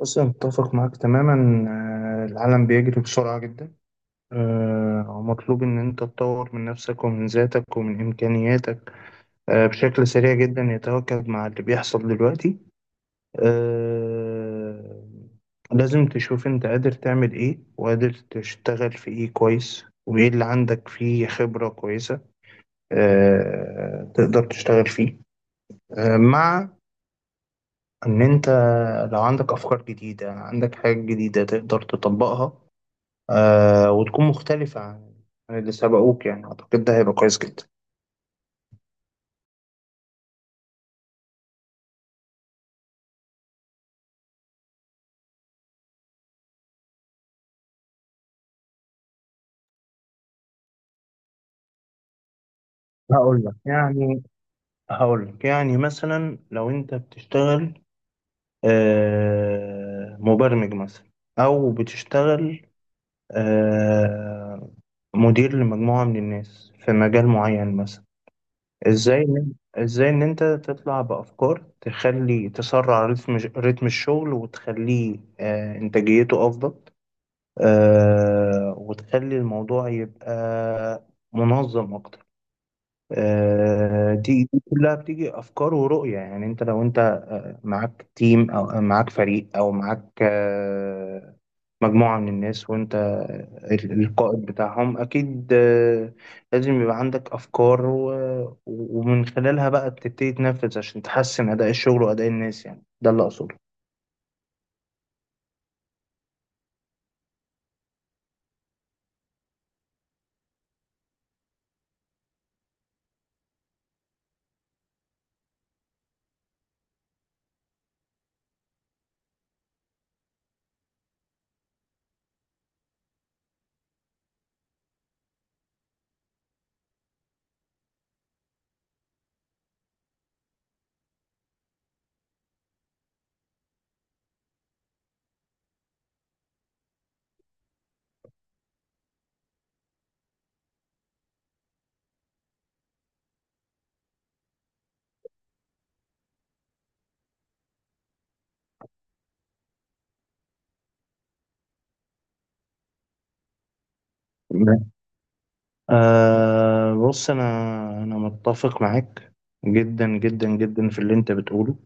بص، أنا متفق معاك تماما. العالم بيجري بسرعة جدا. ومطلوب إن أنت تطور من نفسك ومن ذاتك ومن إمكانياتك بشكل سريع جدا يتواكب مع اللي بيحصل دلوقتي. آه، لازم تشوف أنت قادر تعمل إيه وقادر تشتغل في إيه كويس وإيه اللي عندك فيه خبرة كويسة تقدر تشتغل فيه مع إن أنت لو عندك أفكار جديدة عندك حاجات جديدة تقدر تطبقها، وتكون مختلفة عن اللي سبقوك. يعني أعتقد ده هيبقى كويس جدا. هقول لك يعني هقول لك، يعني مثلا لو أنت بتشتغل مبرمج مثلا، أو بتشتغل آه مدير لمجموعة من الناس في مجال معين مثلا، إزاي إن- إزاي إن أنت تطلع بأفكار تخلي تسرع رتم الشغل، وتخليه إنتاجيته أفضل، وتخلي الموضوع يبقى منظم أكتر. دي كلها بتيجي أفكار ورؤية. يعني لو أنت معاك تيم، أو معاك فريق، أو معاك مجموعة من الناس، وأنت القائد بتاعهم، أكيد لازم يبقى عندك أفكار، ومن خلالها بقى بتبتدي تنفذ عشان تحسن أداء الشغل وأداء الناس. يعني ده اللي أقصده. أه بص، أنا متفق معاك جدا جدا جدا في اللي أنت بتقوله،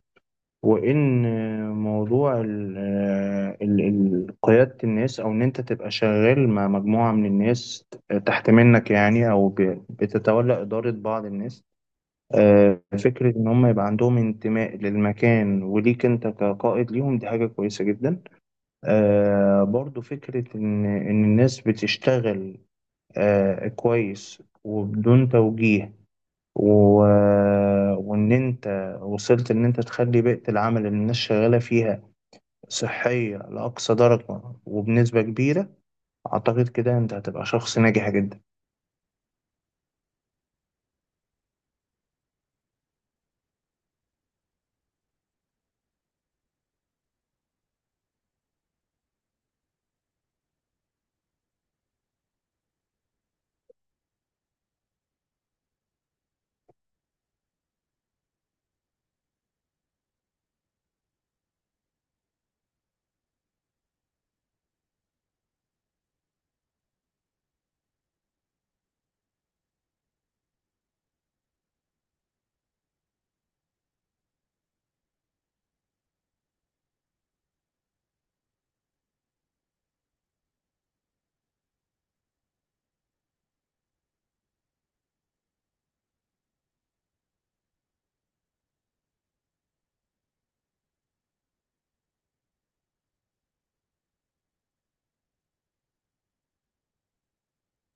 وإن موضوع قيادة الناس، أو إن أنت تبقى شغال مع مجموعة من الناس تحت منك، يعني أو بتتولى إدارة بعض الناس، أه فكرة إن هم يبقى عندهم انتماء للمكان وليك أنت كقائد ليهم، دي حاجة كويسة جدا. أه برضو فكرة إن الناس بتشتغل كويس وبدون توجيه، و... آه، وإن وصلت إن أنت تخلي بيئة العمل اللي الناس شغالة فيها صحية لأقصى درجة، وبنسبة كبيرة أعتقد كده أنت هتبقى شخص ناجح جدا.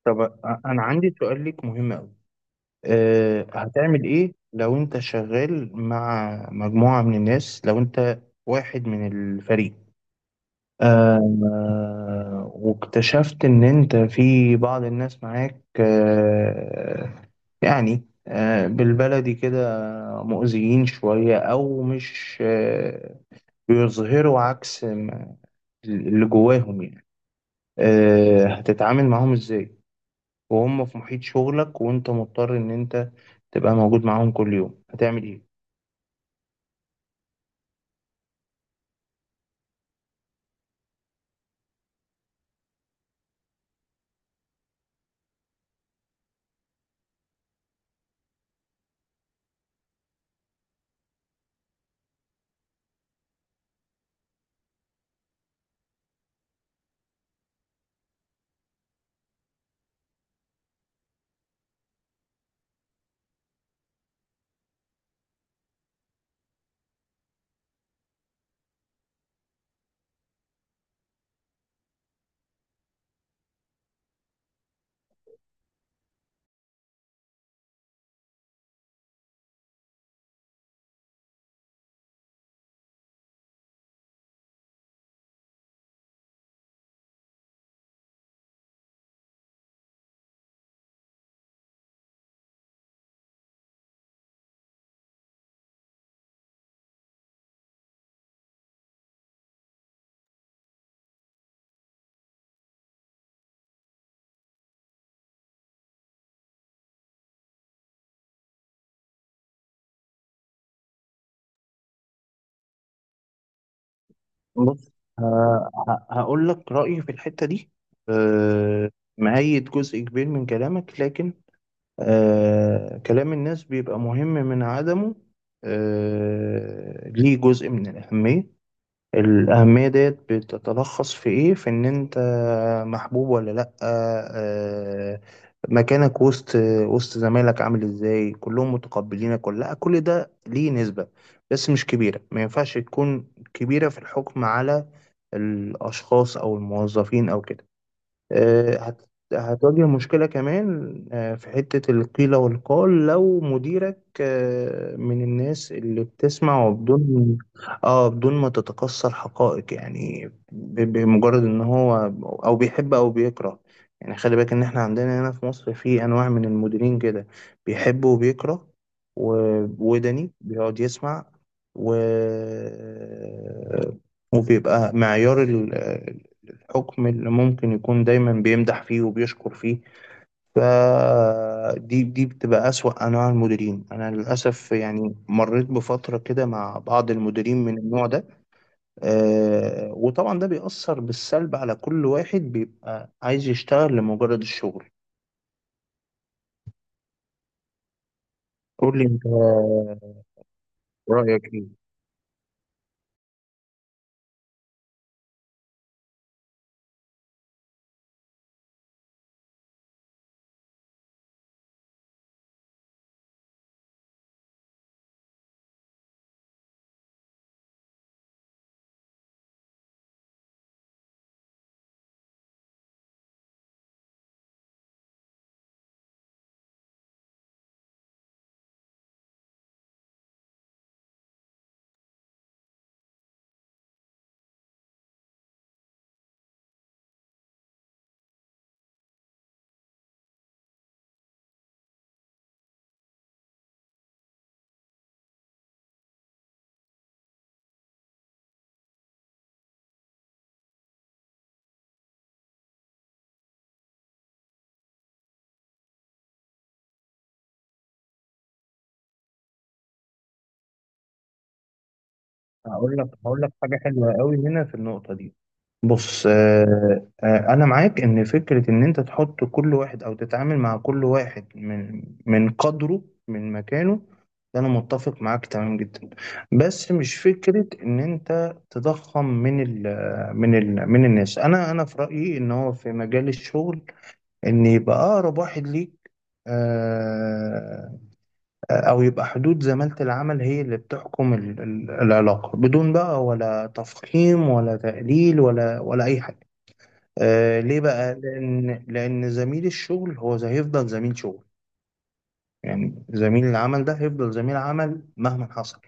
طب، أنا عندي سؤال ليك مهم أوي. هتعمل إيه لو أنت شغال مع مجموعة من الناس، لو أنت واحد من الفريق، واكتشفت إن أنت في بعض الناس معاك، بالبلدي كده، مؤذيين شوية، أو مش بيظهروا عكس ما- اللي جواهم يعني، هتتعامل معاهم إزاي وهم في محيط شغلك، وأنت مضطر إن أنت تبقى موجود معاهم كل يوم؟ هتعمل إيه؟ بص، هقول لك رأيي في الحتة دي. آه، مؤيد جزء كبير من كلامك، لكن كلام الناس بيبقى مهم من عدمه ليه جزء من الأهمية. الأهمية ديت بتتلخص في إيه؟ في إن أنت محبوب ولا لأ، مكانك وسط زمايلك عامل إزاي، كلهم متقبلينك ولا لأ، كل ده ليه نسبة، بس مش كبيرة. ما ينفعش تكون كبيرة في الحكم على الأشخاص أو الموظفين أو كده. هتواجه مشكلة كمان في حتة القيل والقال، لو مديرك من الناس اللي بتسمع، وبدون اه بدون ما تتقصى الحقائق، يعني بمجرد ان هو او بيحب او بيكره. يعني خلي بالك ان احنا عندنا هنا في مصر في انواع من المديرين كده، بيحب وبيكره، ووداني بيقعد يسمع، و وبيبقى معيار حكم اللي ممكن يكون دايما بيمدح فيه وبيشكر فيه. فدي بتبقى أسوأ أنواع المديرين. أنا للأسف يعني مريت بفترة كده مع بعض المديرين من النوع ده، وطبعا ده بيأثر بالسلب على كل واحد بيبقى عايز يشتغل لمجرد الشغل. قول لي أنت رأيك إيه. هقول لك حاجة حلوة قوي هنا في النقطة دي. بص، أنا معاك إن فكرة إن أنت تحط كل واحد، أو تتعامل مع كل واحد من قدره، من مكانه، ده أنا متفق معاك تمام جدا. بس مش فكرة إن أنت تضخم من ال من ال من الناس. أنا في رأيي إن هو في مجال الشغل إن يبقى أقرب واحد ليك، آه، أو يبقى حدود زمالة العمل هي اللي بتحكم العلاقة، بدون بقى ولا تفخيم ولا تقليل ولا أي حاجة. ليه بقى؟ لأن زميل الشغل هو هيفضل زميل شغل. يعني زميل العمل ده هيفضل زميل عمل مهما حصل.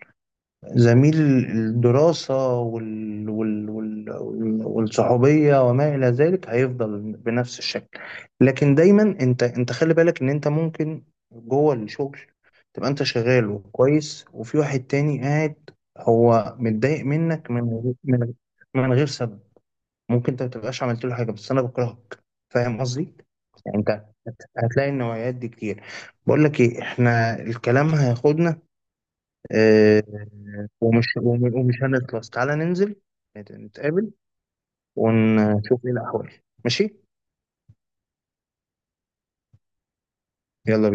زميل الدراسة والصحوبية وما إلى ذلك هيفضل بنفس الشكل. لكن دايما أنت خلي بالك إن أنت ممكن جوه الشغل تبقى أنت شغال وكويس، وفي واحد تاني قاعد هو متضايق منك من غير سبب. ممكن أنت ما تبقاش عملت له حاجة، بس أنا بكرهك. فاهم قصدي؟ يعني أنت هتلاقي النوعيات دي كتير. بقول لك إيه، إحنا الكلام هياخدنا، آه، ومش هنخلص. تعالى ننزل، نتقابل ونشوف ايه الأحوال. ماشي؟ يلا بينا.